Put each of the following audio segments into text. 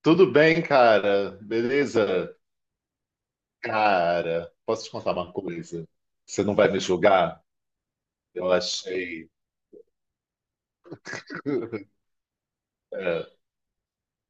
Tudo bem, cara? Beleza? Cara, posso te contar uma coisa? Você não vai me julgar? Eu achei. É,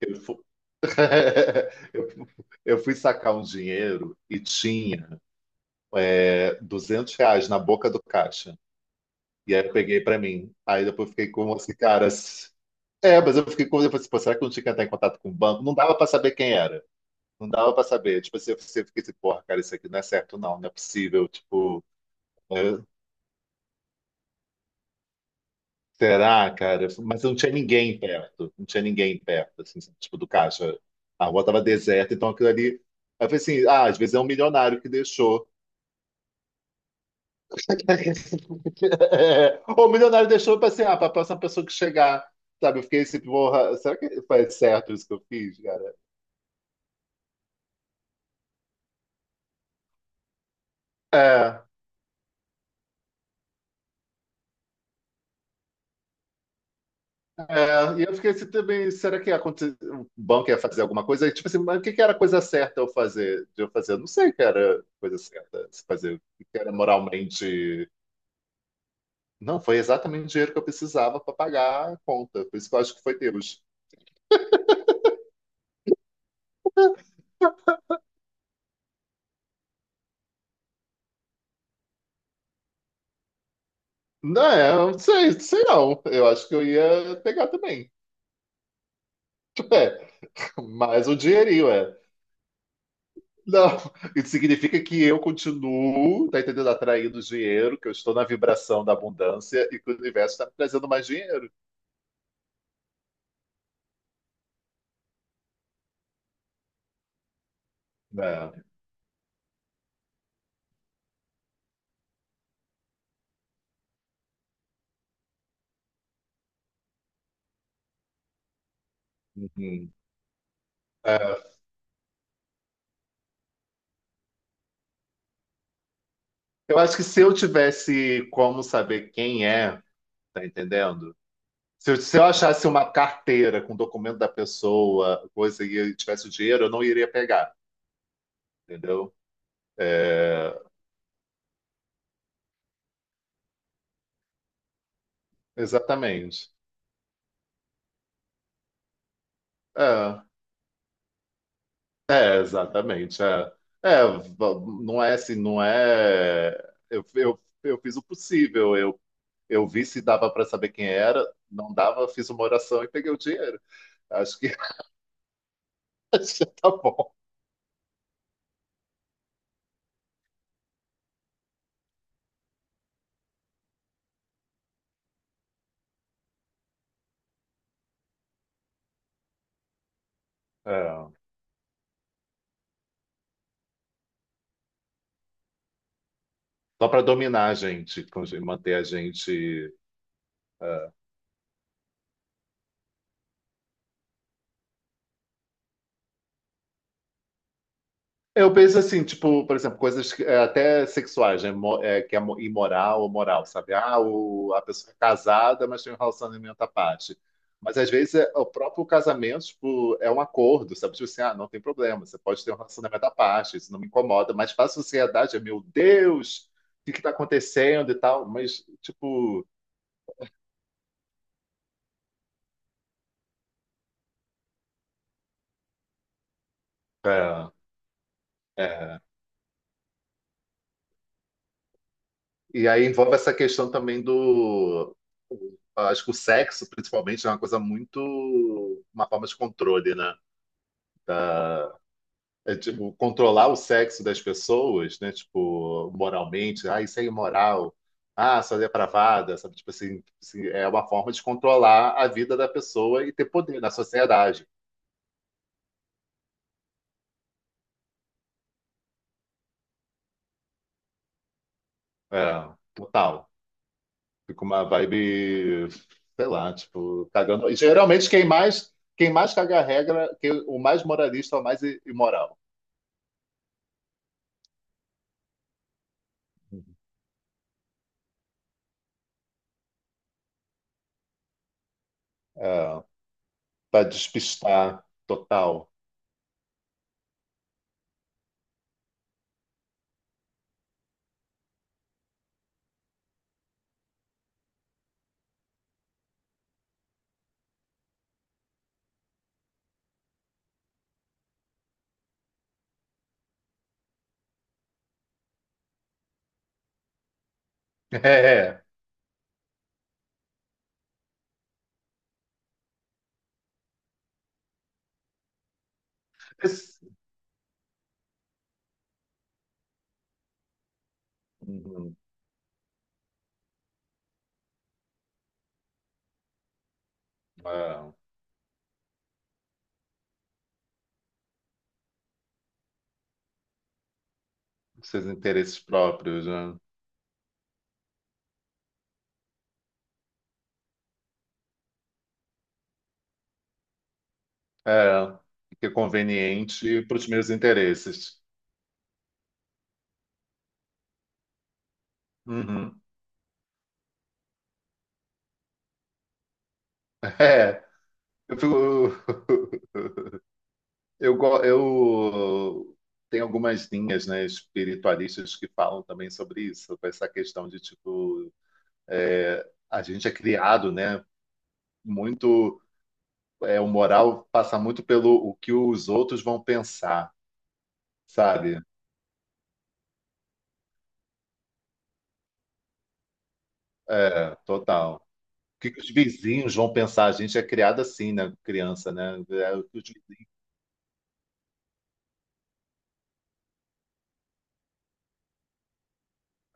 eu, fu- eu, fu- eu fui sacar um dinheiro e tinha 200 reais na boca do caixa. E aí eu peguei pra mim. Aí depois eu fiquei como assim, cara. É, mas eu fiquei como. Eu falei assim, pô, será que eu não tinha que entrar em contato com o banco? Não dava pra saber quem era. Não dava pra saber. Tipo assim, eu fiquei assim, porra, cara, isso aqui não é certo, não. Não é possível. Tipo. é, Será, cara? Mas não tinha ninguém perto. Não tinha ninguém perto, assim, tipo, do caixa. A rua tava deserta, então aquilo ali. Aí eu falei assim, ah, às vezes é um milionário que deixou. É. Ou o milionário deixou para assim, ah, para a próxima pessoa que chegar. Sabe, eu fiquei assim, porra, será que foi certo isso que eu fiz, cara? É, e eu fiquei assim também, será que o banco ia fazer alguma coisa? E, tipo assim, mas o que que era a coisa certa de eu fazer? Eu não sei o que era a coisa certa, se fazer, o que que era moralmente. Não, foi exatamente o dinheiro que eu precisava para pagar a conta. Por isso que eu acho que foi Deus. Não, é, eu não sei, sei não. Eu acho que eu ia pegar também. É, mais um dinheirinho, é. Não, isso significa que eu continuo, tá entendendo? Atraindo dinheiro, que eu estou na vibração da abundância e que o universo está me trazendo mais dinheiro. É, uhum. É, eu acho que se eu tivesse como saber quem é, tá entendendo? Se eu, se eu achasse uma carteira com documento da pessoa, coisa e eu tivesse o dinheiro, eu não iria pegar, entendeu? É, exatamente. É, exatamente. É, É, v- não é assim, não é. Eu fiz o possível. Eu vi se dava para saber quem era, não dava, fiz uma oração e peguei o dinheiro. Acho que, acho que tá bom. É, só para dominar a gente, manter a gente. é, Eu penso assim, tipo, por exemplo, coisas é, até sexuais, né? É, que é imoral ou moral, sabe? Ah, o, a pessoa é casada, mas tem um relacionamento à parte. Mas às vezes o próprio casamento, tipo, é um acordo, sabe? Tipo assim, ah, não tem problema, você pode ter um relacionamento à parte, isso não me incomoda, mas para a sociedade, é, meu Deus, o que está acontecendo e tal. Mas, tipo, é, é, e aí envolve essa questão também do. Acho que o sexo, principalmente, é uma coisa muito. Uma forma de controle, né? Da- é, tipo, controlar o sexo das pessoas, né? Tipo, moralmente. Ah, isso é imoral. Ah, só é depravada, sabe? Tipo assim, assim, é uma forma de controlar a vida da pessoa e ter poder na sociedade. É, total. Fica uma vibe, sei lá, tipo, cagando. E geralmente quem mais caga a regra, quem, o mais moralista é o mais imoral. É, para despistar total. É. Esse- Uhum. É, seus interesses próprios, né? É, que é conveniente para os meus interesses. Uhum. É, eu fico. Eu tenho algumas linhas, né, espiritualistas que falam também sobre isso, sobre essa questão de, tipo, a gente é criado, né, muito, é, o moral passa muito pelo o que os outros vão pensar, sabe? É, total. O que que os vizinhos vão pensar? A gente é criado assim, né, criança, né? É, o que os vizinhos...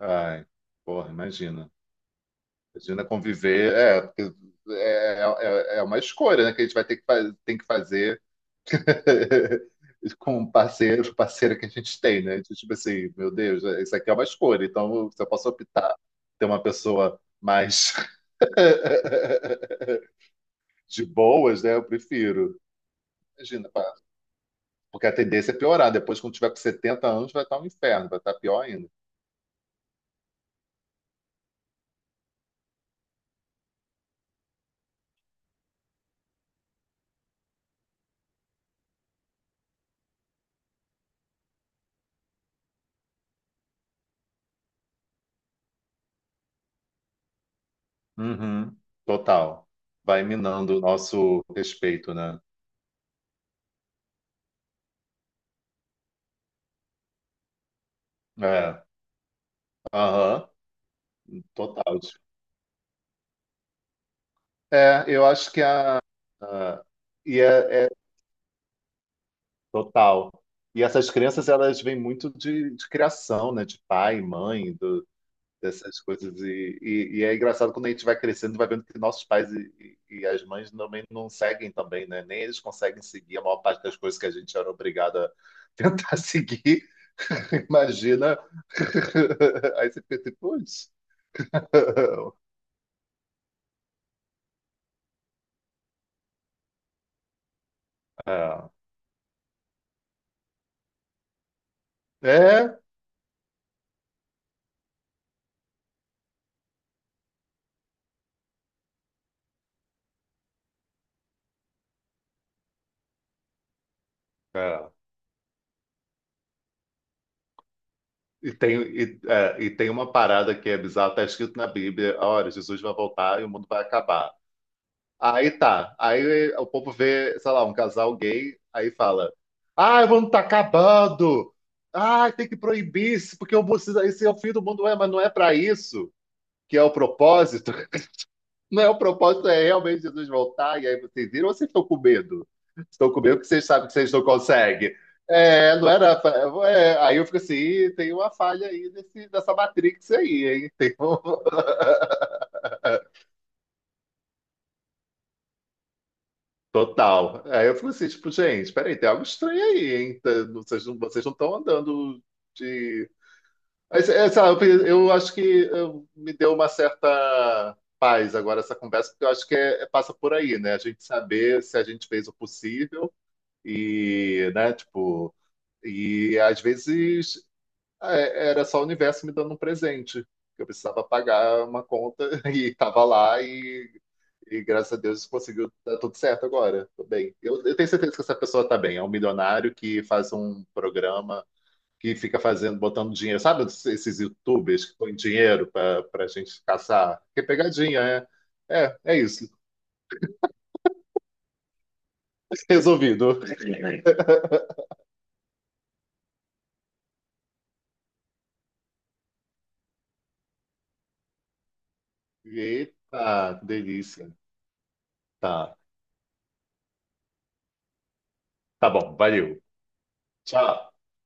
Ai, porra, imagina. Imagina conviver, é, porque é, é uma escolha, né, que a gente vai ter que, tem que fazer com o parceiro, parceira que a gente tem, né? De, tipo assim, meu Deus, é, isso aqui é uma escolha. Então, se eu posso optar ter uma pessoa mais de boas, né? Eu prefiro. Imagina, pá, porque a tendência é piorar. Depois, quando tiver com 70 anos, vai estar um inferno, vai estar pior ainda. Uhum. Total. Vai minando o nosso respeito, né? É. Aham. Total. É, eu acho que e é, é total. E essas crenças, elas vêm muito de criação, né? De pai, mãe, dessas coisas. E é engraçado quando a gente vai crescendo, vai vendo que nossos pais e as mães também não seguem também, né? Nem eles conseguem seguir a maior parte das coisas que a gente era obrigado a tentar seguir. Imagina. Aí você pensa, putz. É, é. é. E tem, e tem uma parada que é bizarra, está escrito na Bíblia, olha, Jesus vai voltar e o mundo vai acabar. Aí tá. Aí o povo vê, sei lá, um casal gay, aí fala: Ah, o mundo tá acabando! Ah, tem que proibir isso, porque esse é o fim do mundo, é, mas não é pra isso que é o propósito. Não é o propósito, é realmente Jesus voltar, e aí vocês viram, ou vocês estão com medo? Estão com medo que vocês sabem que vocês não conseguem. É, não era. É, aí eu fico assim, "Ih, tem uma falha aí nesse, nessa Matrix aí, hein? Tem um... Total. Aí eu fico assim, tipo, gente, peraí, tem algo estranho aí, hein? Vocês não estão andando de. Mas, é, sei lá, eu, eu acho que me deu uma certa paz agora essa conversa, porque eu acho que passa por aí, né? A gente saber se a gente fez o possível e, né, tipo, e às vezes é, era só o universo me dando um presente. Eu precisava pagar uma conta e estava lá e graças a Deus conseguiu dar tudo certo agora. Tô bem. Eu tenho certeza que essa pessoa tá bem. É um milionário que faz um programa que fica fazendo, botando dinheiro. Sabe esses YouTubers que põem dinheiro pra gente caçar? Que é pegadinha, é. É, é isso. Resolvido. Eita, delícia. Tá. Tá bom, valeu. Tchau.